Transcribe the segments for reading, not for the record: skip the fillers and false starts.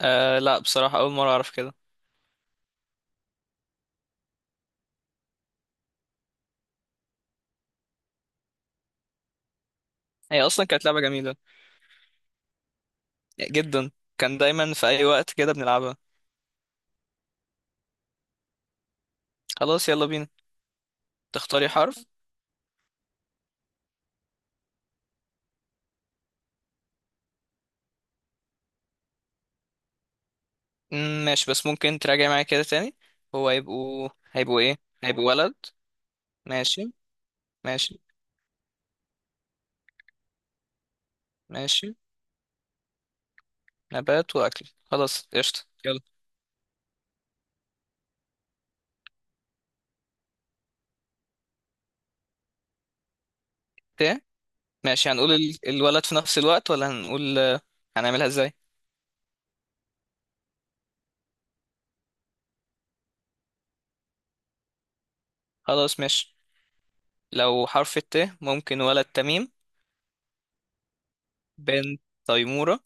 آه لا، بصراحة أول مرة أعرف كده. هي أصلا كانت لعبة جميلة جدا. كان دايما في أي وقت كده بنلعبها. خلاص يلا بينا. تختاري حرف. ماشي، بس ممكن تراجعي معايا كده تاني. هو هيبقوا إيه؟ هيبقوا ولد. ماشي، ماشي، ماشي. نبات وأكل، خلاص قشطة يلا. ت. ماشي، هنقول الولد في نفس الوقت، ولا هنقول هنعملها إزاي؟ خلاص ماشي. لو حرف الت، ممكن ولد تميم. بنت تيمورة.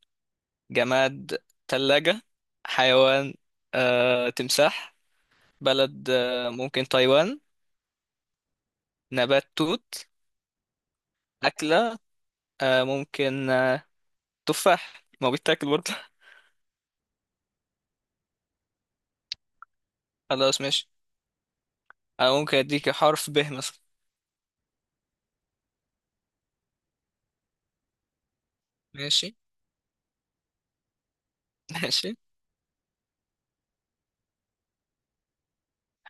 جماد تلاجة. حيوان تمساح. بلد ممكن تايوان. نبات توت. أكلة آه، ممكن آه، تفاح، ما هو بيتاكل برضه. خلاص ماشي. أنا ممكن أديك حرف ب مثلا. ماشي. ماشي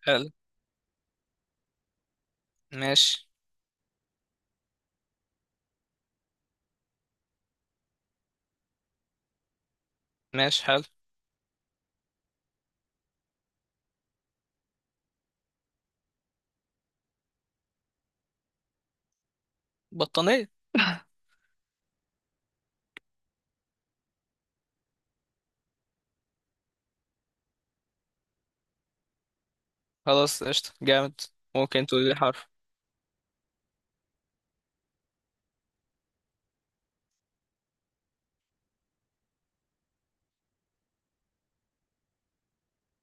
حلو. ماشي، ماشي حلو. بطانية. خلاص قشطة جامد. ممكن تقول لي حرف.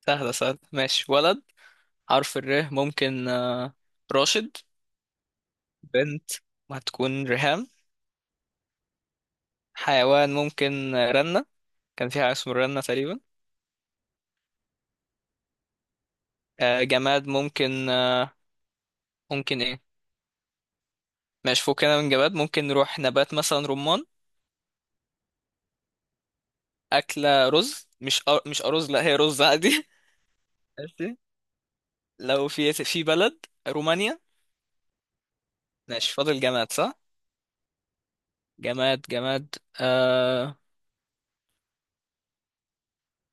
سهلة سهلة ماشي. ولد حرف الر، ممكن راشد. بنت هتكون ريهام. حيوان ممكن رنة، كان فيها اسمه رنا تقريبا. آه جماد ممكن ايه؟ ماشي فكنا من جماد، ممكن نروح نبات، مثلا رمان. أكلة رز. مش أرز، لا هي رز عادي. ماشي. لو في بلد، رومانيا. ماشي فاضل جماد صح. جماد، جماد. آه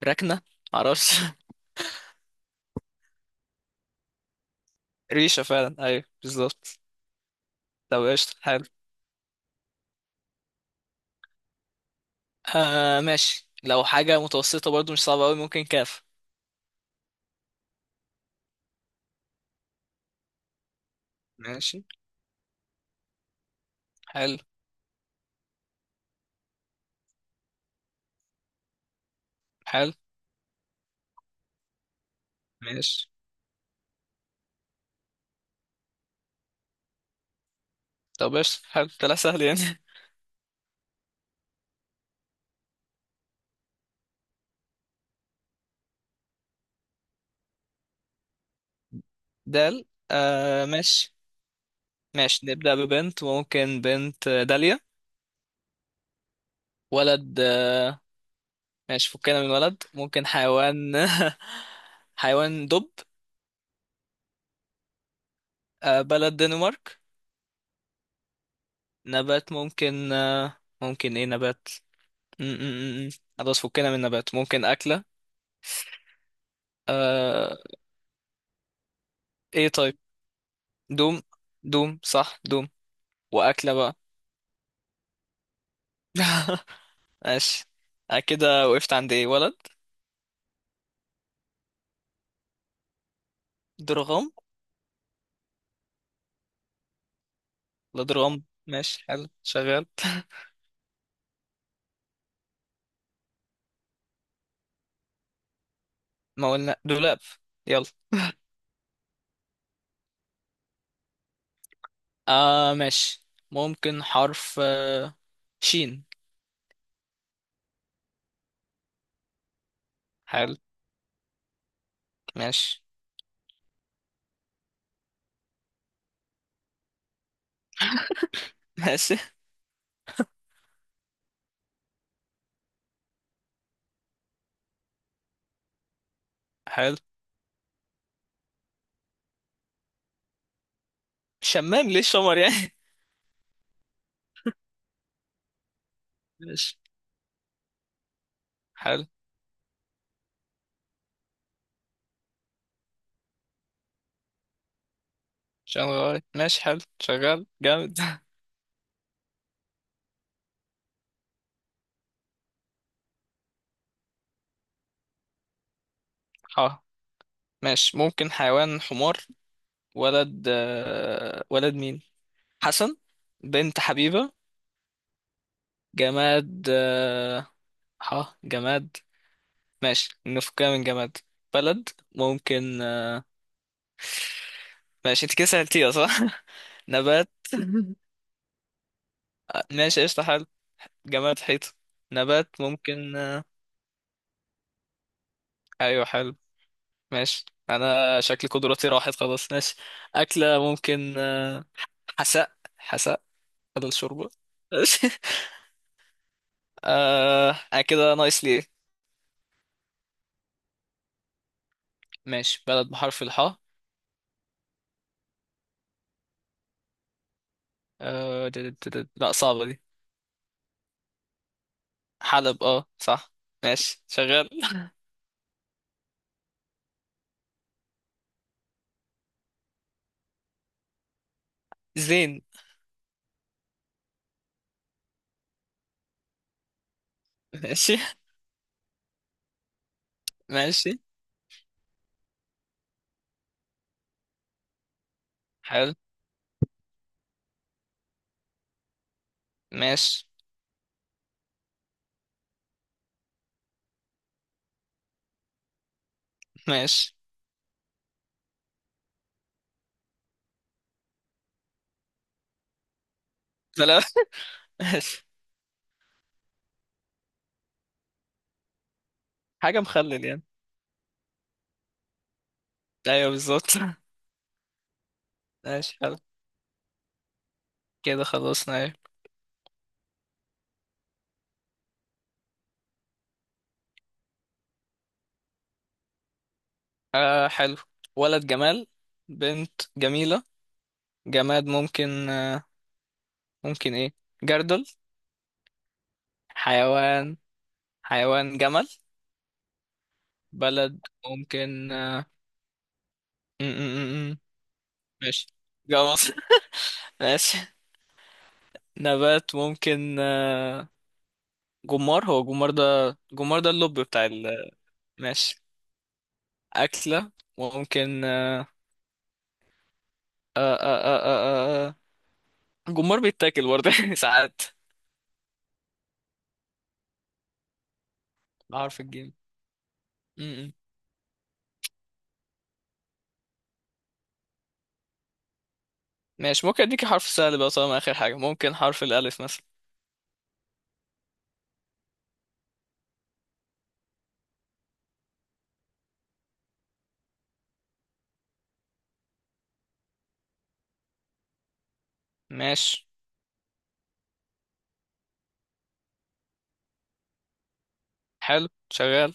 ركنة، معرفش. ريشة فعلا، أيوه بالظبط. طب قشطة حلو. آه ماشي. لو حاجة متوسطة برضو مش صعبة أوي، ممكن كاف. ماشي حلو. حلو ماشي. طب قشطة حلو، طلع سهل يعني. دال. آه ماشي. ماشي نبدأ ببنت، وممكن بنت داليا. ولد ماشي فكنا من ولد، ممكن حيوان. حيوان دب. آه بلد دنمارك. نبات ممكن ايه نبات؟ م- م- م- م. خلاص فكنا من نبات، ممكن أكلة. آه. ايه طيب. دوم. دوم صح دوم. وأكلة بقى. ماشي. كده وقفت عند ايه؟ ولد درغام. لا درغام، ماشي حلو شغال. ما قلنا دولاب. يلا. آه ماشي. ممكن حرف شين. حلو. ماشي. ماشي حلو. شمام، ليه شمر يعني؟ ماشي حلو. شنغال، ماشي حلو شغال جامد. اه ماشي. ممكن حيوان حمار. ولد ولد مين؟ حسن. بنت حبيبة. جماد اه. جماد. ماشي نفكها من جماد. بلد ممكن ماشي انت كده سألتيها صح. نبات. ماشي قشطة حلو. جماد حيطة. نبات ممكن. ايوه حلو. ماشي. انا شكل قدراتي راحت، خلاص ماشي. اكلة ممكن حساء، حساء بدل شوربة. ماشي. آه، أنا كده ناقص لي ايه؟ ماشي بلد بحرف الحاء. لا، صعبة دي. حلب، اه صح. ماشي شغال. زين. ماشي. ماشي حلو. ماشي. ماشي. لا لا. ماشي. حاجة مخلل يعني. ايوه بالظبط. ماشي حلو. كده خلصنا. آه حلو. ولد جمال. بنت جميلة. جماد ممكن ايه؟ جردل. حيوان، حيوان جمل. بلد ممكن م -م -م. م. ماشي جوز. ماشي. نبات ممكن جمار، هو جمار ده، جمار ده اللب بتاع ال. ماشي. أكلة ممكن آه آه آه آه آه. آه. جمار بيتاكل برضه ساعات. بحرف الجيم م- م. ماشي. ممكن اديكي حرف سهل بقى طالما اخر حاجة، ممكن حرف الالف مثلا. ماشي حلو شغال.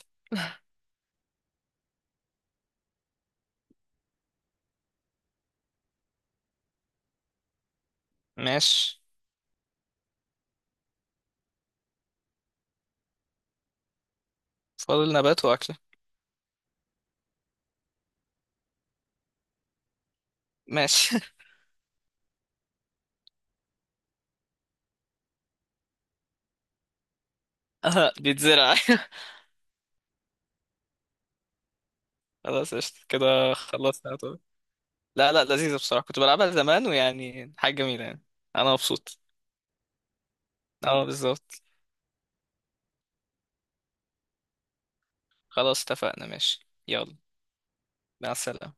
ماشي. فاضل نبات واكلة. ماشي. اه بيتزرع. خلاص قشطة، كده خلصنا طبعا. لا لا، لذيذة بصراحة، كنت بلعبها زمان، ويعني حاجة جميلة يعني. انا مبسوط. اه بالظبط. خلاص اتفقنا، ماشي يلا. مع السلامة.